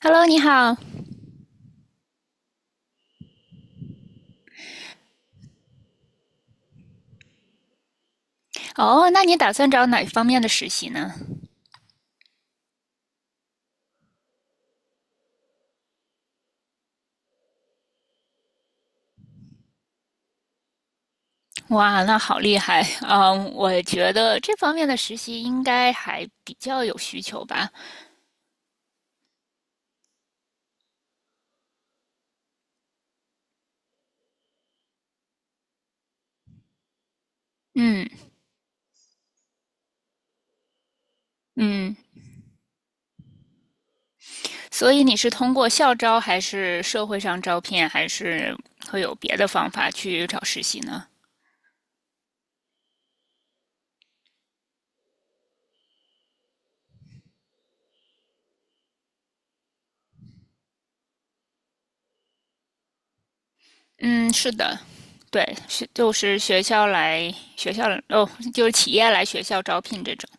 Hello，你好。哦，那你打算找哪方面的实习呢？哇，那好厉害。嗯，我觉得这方面的实习应该还比较有需求吧。嗯嗯，所以你是通过校招，还是社会上招聘，还是会有别的方法去找实习呢？嗯，是的，对，是就是学校来学校哦，就是企业来学校招聘这种。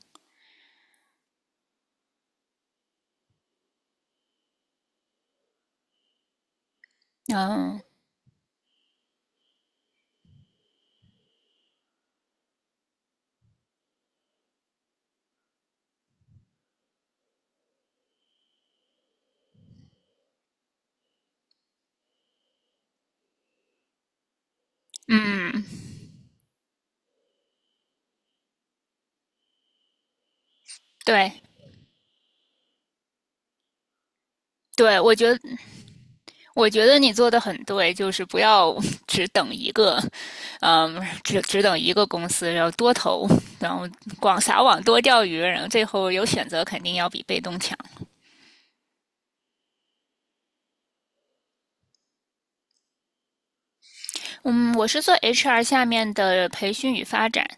嗯嗯，对对，我觉得你做的很对，就是不要 只等一个，嗯，只等一个公司，然后多投，然后广撒网多钓鱼，然后最后有选择肯定要比被动强。嗯，我是做 HR 下面的培训与发展。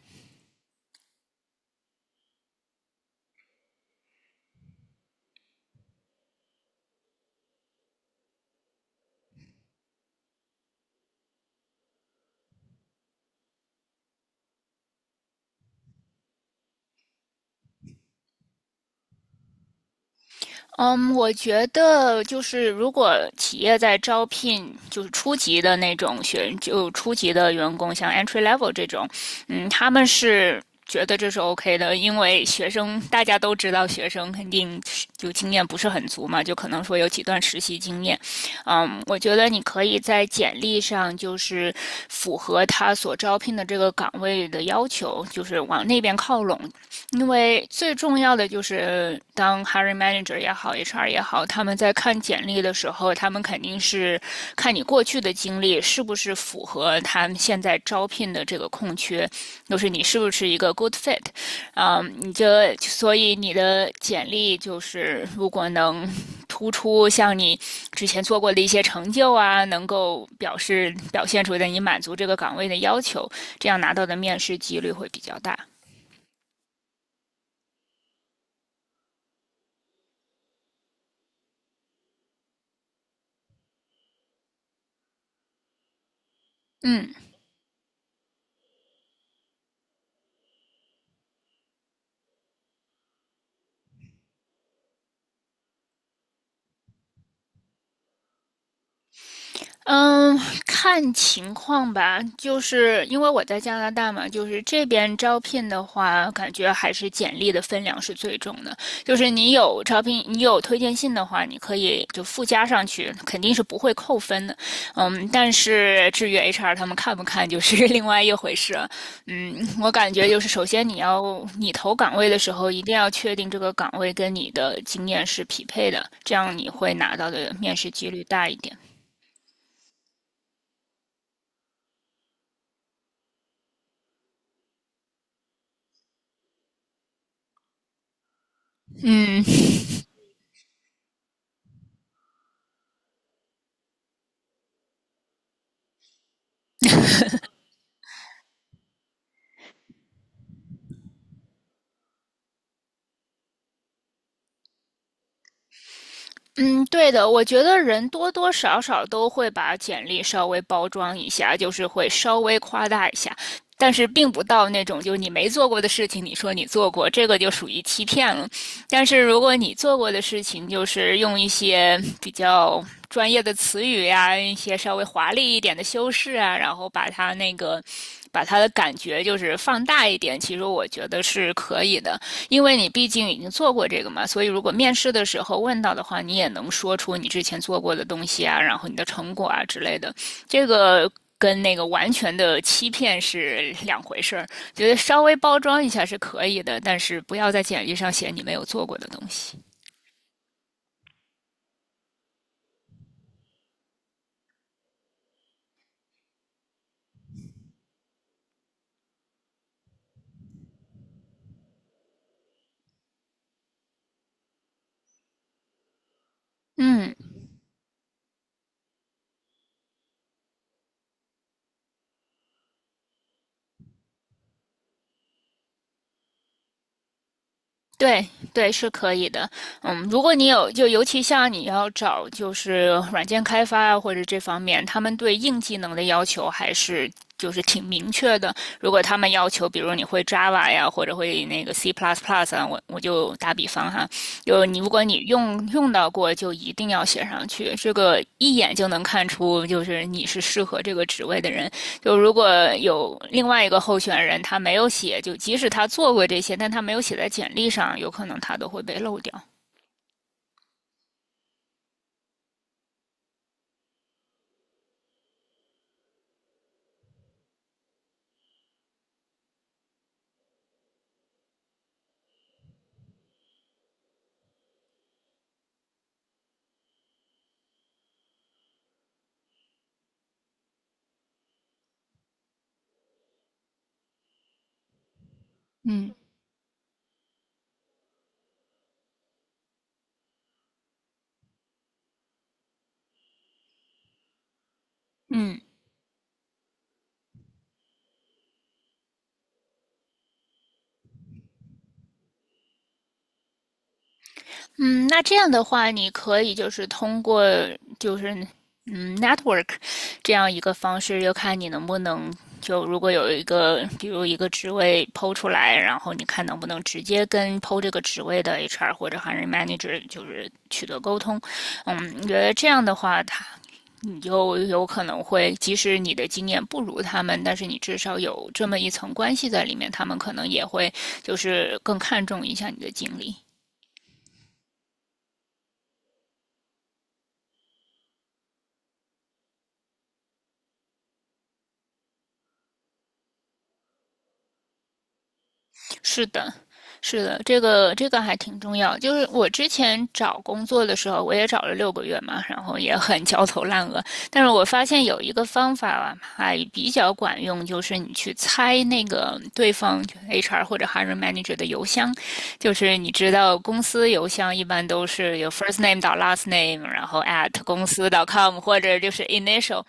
嗯，我觉得就是如果企业在招聘就是初级的那种初级的员工，像 entry level 这种。嗯，他们是。觉得这是 OK 的，因为学生大家都知道，学生肯定就经验不是很足嘛，就可能说有几段实习经验。嗯，我觉得你可以在简历上就是符合他所招聘的这个岗位的要求，就是往那边靠拢。因为最重要的就是，当 hiring manager 也好，HR 也好，他们在看简历的时候，他们肯定是看你过去的经历是不是符合他们现在招聘的这个空缺，就是你是不是一个 good fit。所以你的简历就是如果能突出像你之前做过的一些成就啊，能够表现出的你满足这个岗位的要求，这样拿到的面试几率会比较大。嗯。嗯，看情况吧，就是因为我在加拿大嘛，就是这边招聘的话，感觉还是简历的分量是最重的。就是你有招聘，你有推荐信的话，你可以就附加上去，肯定是不会扣分的。嗯，但是至于 HR 他们看不看，就是 另外一回事了。嗯，我感觉就是首先你投岗位的时候，一定要确定这个岗位跟你的经验是匹配的，这样你会拿到的面试几率大一点。嗯 嗯，对的，我觉得人多多少少都会把简历稍微包装一下，就是会稍微夸大一下，但是并不到那种就是你没做过的事情，你说你做过，这个就属于欺骗了。但是如果你做过的事情，就是用一些比较专业的词语呀、一些稍微华丽一点的修饰啊，把它的感觉就是放大一点，其实我觉得是可以的。因为你毕竟已经做过这个嘛，所以如果面试的时候问到的话，你也能说出你之前做过的东西啊，然后你的成果啊之类的。这个跟那个完全的欺骗是两回事儿，觉得稍微包装一下是可以的，但是不要在简历上写你没有做过的东西。嗯，对对，是可以的。嗯，如果你有，就尤其像你要找就是软件开发啊，或者这方面，他们对硬技能的要求还是就是挺明确的。如果他们要求，比如你会 Java 呀，或者会那个 C++ 啊，我就打比方哈，你如果用到过，就一定要写上去。这个一眼就能看出，就是你是适合这个职位的人。就如果有另外一个候选人他没有写，就即使他做过这些，但他没有写在简历上，有可能他都会被漏掉。嗯嗯，嗯，那这样的话，你可以就是通过就是network 这样一个方式，就看你能不能就如果有一个比如一个职位抛出来，然后你看能不能直接跟抛这个职位的 HR 或者 h i manager 就是取得沟通。嗯，你觉得这样的话，你就有可能会，即使你的经验不如他们，但是你至少有这么一层关系在里面，他们可能也会就是更看重一下你的经历。是的，是的，这个还挺重要。就是我之前找工作的时候，我也找了6个月嘛，然后也很焦头烂额。但是我发现有一个方法啊还比较管用，就是你去猜那个对方 HR 或者 hiring manager 的邮箱，就是你知道公司邮箱一般都是有 first name 到 last name，然后 at 公司 .com 或者就是 initial。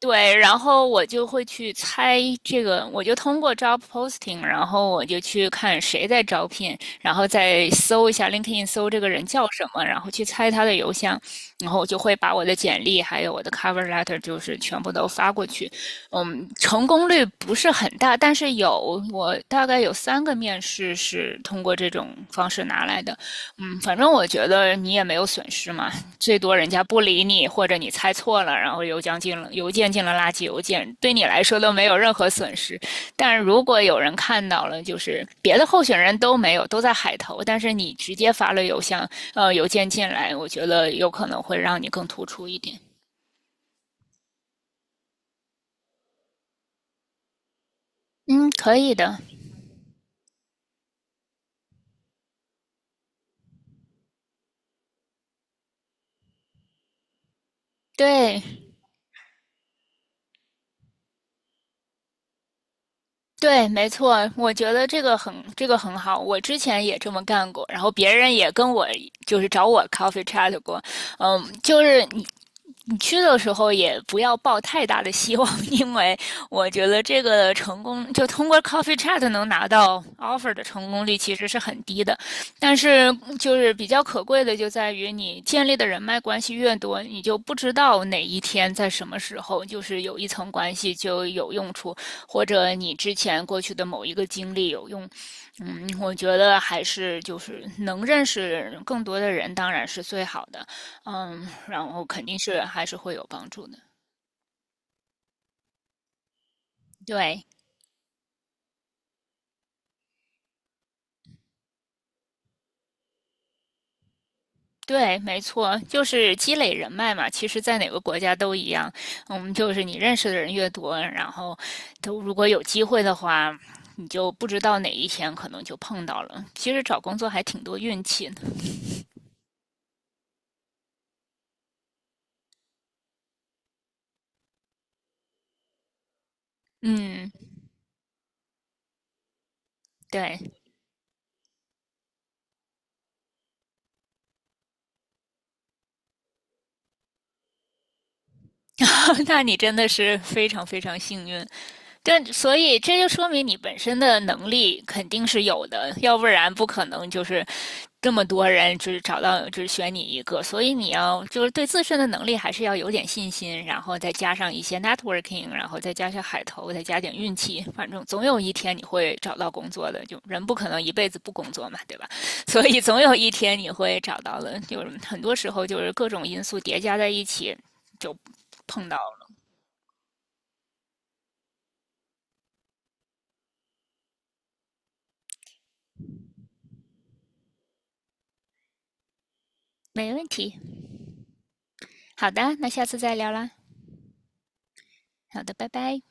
对，然后我就会去猜这个，我就通过 job posting，然后我就去看谁在招聘，然后再搜一下 LinkedIn，搜这个人叫什么，然后去猜他的邮箱，然后我就会把我的简历还有我的 cover letter 就是全部都发过去。嗯，成功率不是很大，但是有我大概有3个面试是通过这种方式拿来的。嗯，反正我觉得你也没有损失嘛，最多人家不理你，或者你猜错了，然后邮件进了垃圾邮件，对你来说都没有任何损失。但如果有人看到了，就是别的候选人都没有，都在海投，但是你直接发了邮件进来，我觉得有可能会让你更突出一点。嗯，可以的。对对，没错，我觉得这个很好，我之前也这么干过，然后别人也跟我就是找我 coffee chat 过。嗯，就是你去的时候也不要抱太大的希望，因为我觉得这个成功就通过 Coffee Chat 能拿到 offer 的成功率其实是很低的。但是就是比较可贵的就在于你建立的人脉关系越多，你就不知道哪一天在什么时候就是有一层关系就有用处，或者你之前过去的某一个经历有用。嗯，我觉得还是就是能认识更多的人，当然是最好的。嗯，然后肯定是还是会有帮助的。对，对，没错，就是积累人脉嘛。其实，在哪个国家都一样。嗯，就是你认识的人越多，然后都如果有机会的话，你就不知道哪一天可能就碰到了。其实找工作还挺多运气的。嗯，对，那你真的是非常非常幸运。对，所以这就说明你本身的能力肯定是有的，要不然不可能就是这么多人就是找到只选你一个。所以你要就是对自身的能力还是要有点信心，然后再加上一些 networking，然后再加上海投，再加点运气，反正总有一天你会找到工作的。就人不可能一辈子不工作嘛，对吧？所以总有一天你会找到的。就是很多时候就是各种因素叠加在一起，就碰到了。没问题，好的，那下次再聊啦。好的，拜拜。